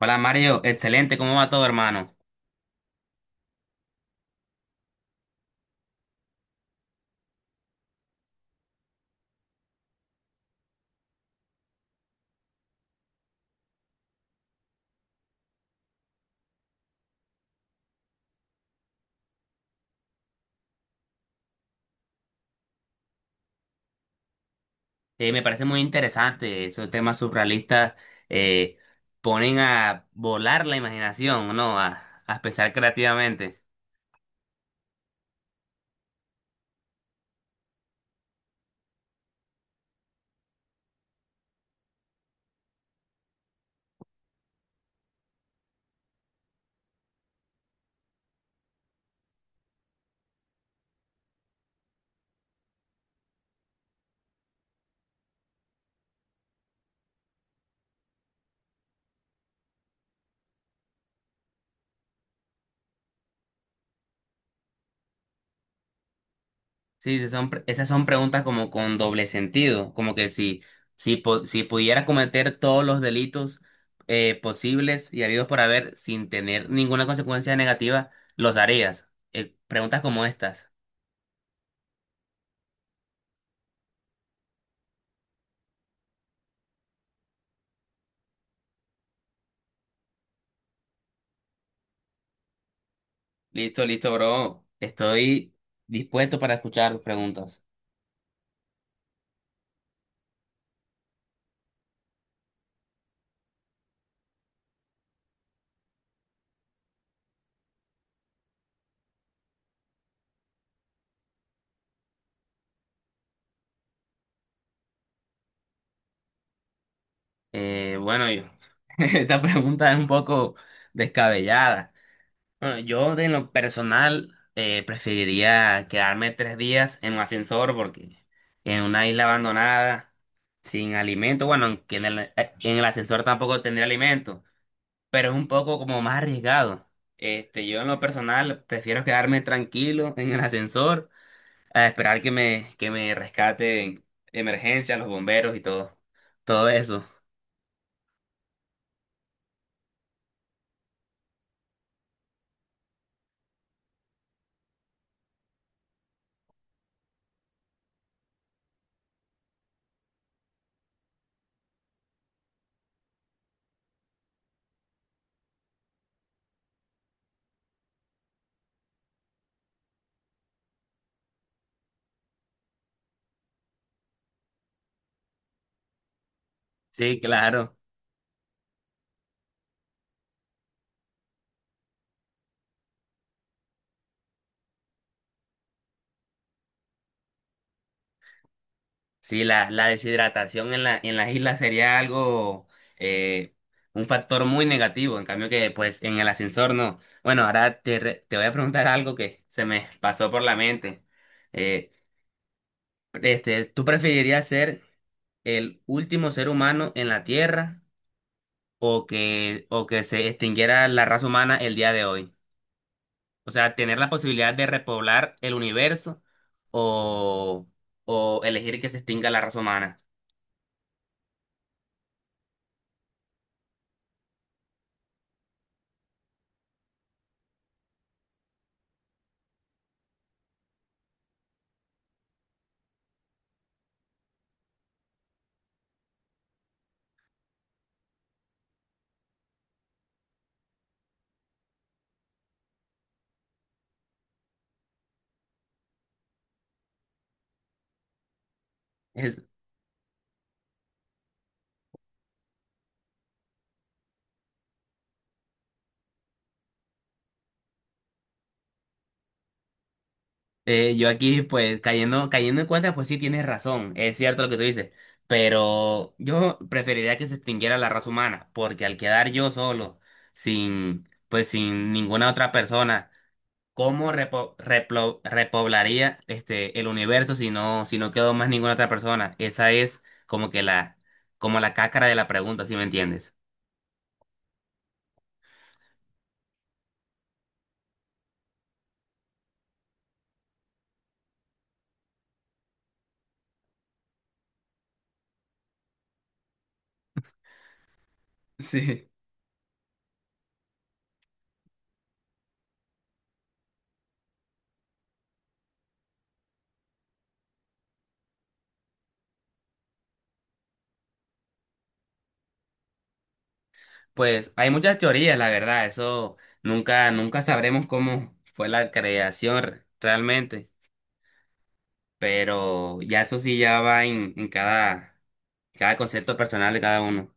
Hola Mario, excelente, ¿cómo va todo hermano? Me parece muy interesante, esos temas surrealistas eh, ponen a volar la imaginación, ¿no? A pensar creativamente. Sí, sí, esas son preguntas como con doble sentido, como que si pudiera cometer todos los delitos posibles y habidos por haber sin tener ninguna consecuencia negativa, los harías. Preguntas como estas. Listo, listo, bro. Estoy dispuesto para escuchar tus preguntas. Eh, bueno, yo, esta pregunta es un poco descabellada. Bueno, yo de lo personal preferiría quedarme 3 días en un ascensor porque en una isla abandonada, sin alimento, bueno, aunque en el ascensor tampoco tendría alimento, pero es un poco como más arriesgado. Este, yo en lo personal prefiero quedarme tranquilo en el ascensor a esperar que que me rescaten emergencia, los bomberos y todo, todo eso. Sí, claro. Sí, la deshidratación en en las islas sería algo, eh, un factor muy negativo, en cambio que pues en el ascensor no. Bueno, te voy a preguntar algo que se me pasó por la mente. Eh, ¿Tú preferirías ser el último ser humano en la Tierra o que se extinguiera la raza humana el día de hoy? O sea, tener la posibilidad de repoblar el universo o, o elegir que se extinga la raza humana. Es- yo aquí, pues, cayendo en cuenta, pues sí tienes razón, es cierto lo que tú dices, pero yo preferiría que se extinguiera la raza humana, porque al quedar yo solo, sin, pues, sin ninguna otra persona, ¿cómo repoblaría este el universo si no quedó más ninguna otra persona? Esa es como que como la cáscara de la pregunta, ¿si me entiendes? Sí. Pues hay muchas teorías, la verdad, eso nunca sabremos cómo fue la creación realmente. Pero ya eso sí ya va en cada concepto personal de cada uno.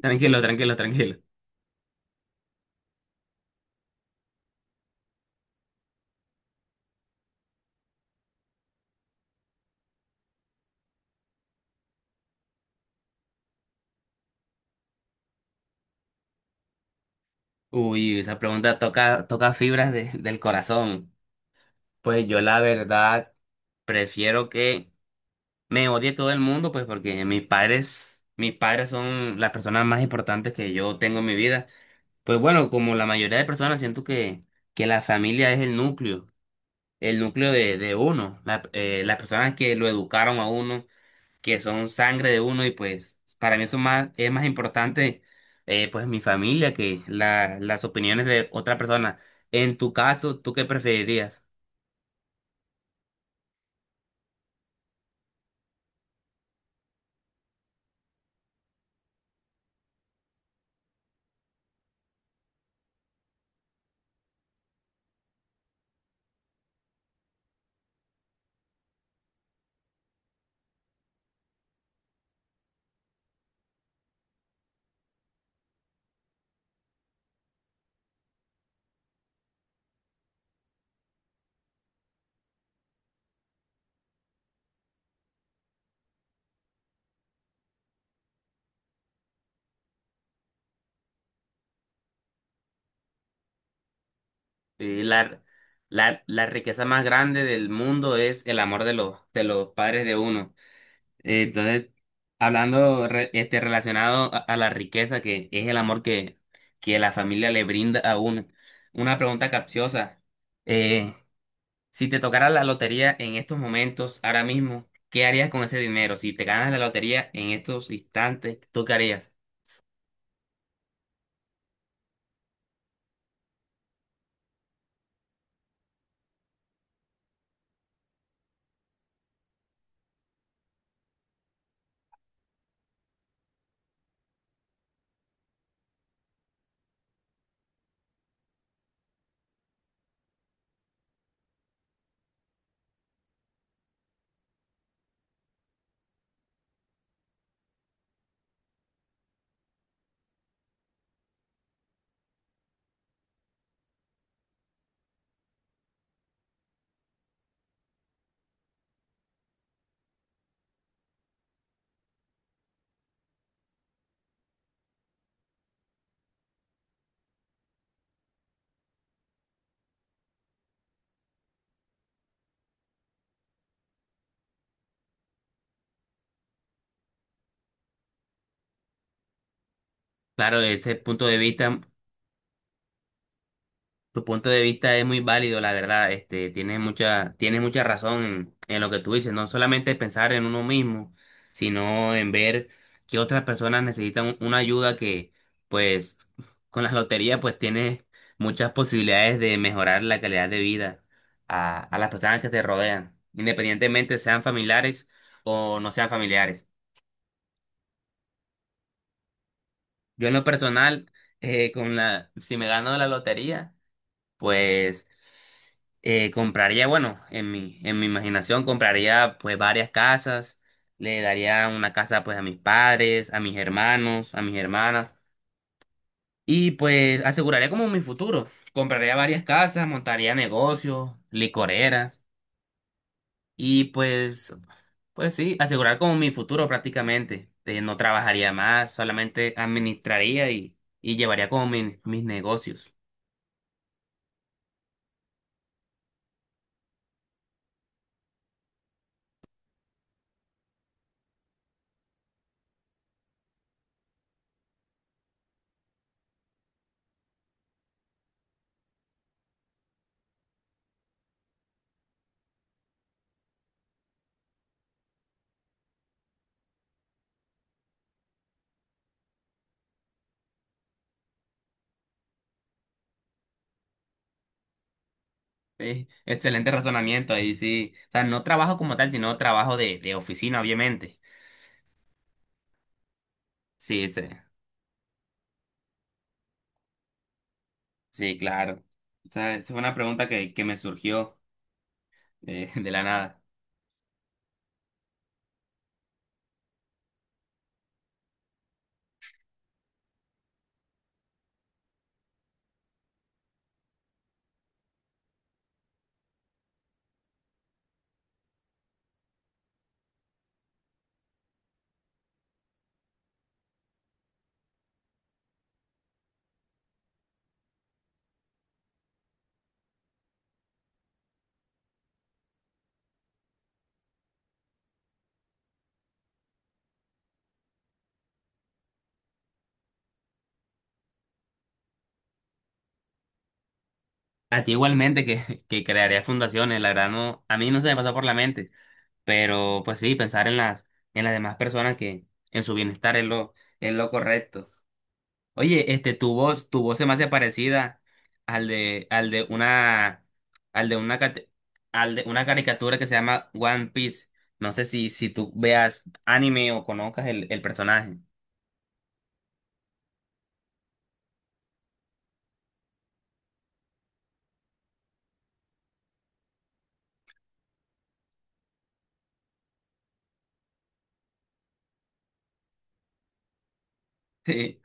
Tranquilo, tranquilo, tranquilo. Uy, esa pregunta toca fibras del corazón. Pues yo la verdad, prefiero que me odie todo el mundo, pues porque mis padres son las personas más importantes que yo tengo en mi vida. Pues bueno, como la mayoría de personas, siento que la familia es el núcleo de uno, las personas que lo educaron a uno, que son sangre de uno y pues para mí eso es más importante, pues mi familia que las opiniones de otra persona. En tu caso, ¿tú qué preferirías? Eh, la, la riqueza más grande del mundo es el amor de de los padres de uno. Eh, entonces, hablando este, relacionado a la riqueza que es el amor que la familia le brinda a uno, una pregunta capciosa. Eh, Si te tocara la lotería en estos momentos, ahora mismo, ¿qué harías con ese dinero? Si te ganas la lotería en estos instantes, ¿tú qué harías? Claro, desde ese punto de vista. Tu punto de vista es muy válido, la verdad. Este, tienes mucha razón en lo que tú dices. No solamente pensar en uno mismo, sino en ver que otras personas necesitan una ayuda que, pues, con la lotería, pues tienes muchas posibilidades de mejorar la calidad de vida a las personas que te rodean, independientemente sean familiares o no sean familiares. Yo en lo personal, si me gano la lotería, pues en mi imaginación compraría pues varias casas, le daría una casa pues a mis padres, a mis hermanos, a mis hermanas y pues aseguraría como mi futuro. Compraría varias casas, montaría negocios, licoreras y pues, pues sí, asegurar como mi futuro prácticamente. No trabajaría más, solamente administraría y llevaría como mis negocios. Excelente razonamiento ahí, sí. O sea, no trabajo como tal, sino trabajo de oficina, obviamente. Sí, sí, sí, claro. O sea, esa fue una pregunta que me surgió de la nada. A ti igualmente que crearía fundaciones, la verdad no, a mí no se me pasó por la mente, pero pues sí, pensar en las demás personas que en su bienestar es lo correcto. Oye, este, tu voz se me hace parecida al de, al de una, al de una, cate- al de una caricatura que se llama One Piece. No sé si, si tú veas anime o conozcas el personaje. Sí.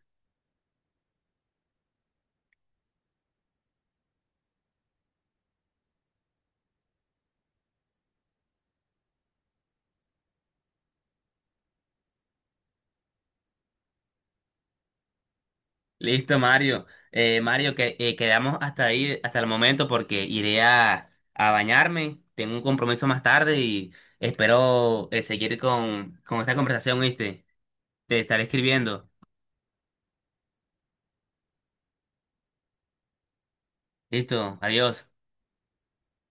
Listo, Mario. Mario, que quedamos hasta ahí, hasta el momento, porque iré a bañarme. Tengo un compromiso más tarde y espero seguir con esta conversación, ¿viste? Te estaré escribiendo. Listo, adiós.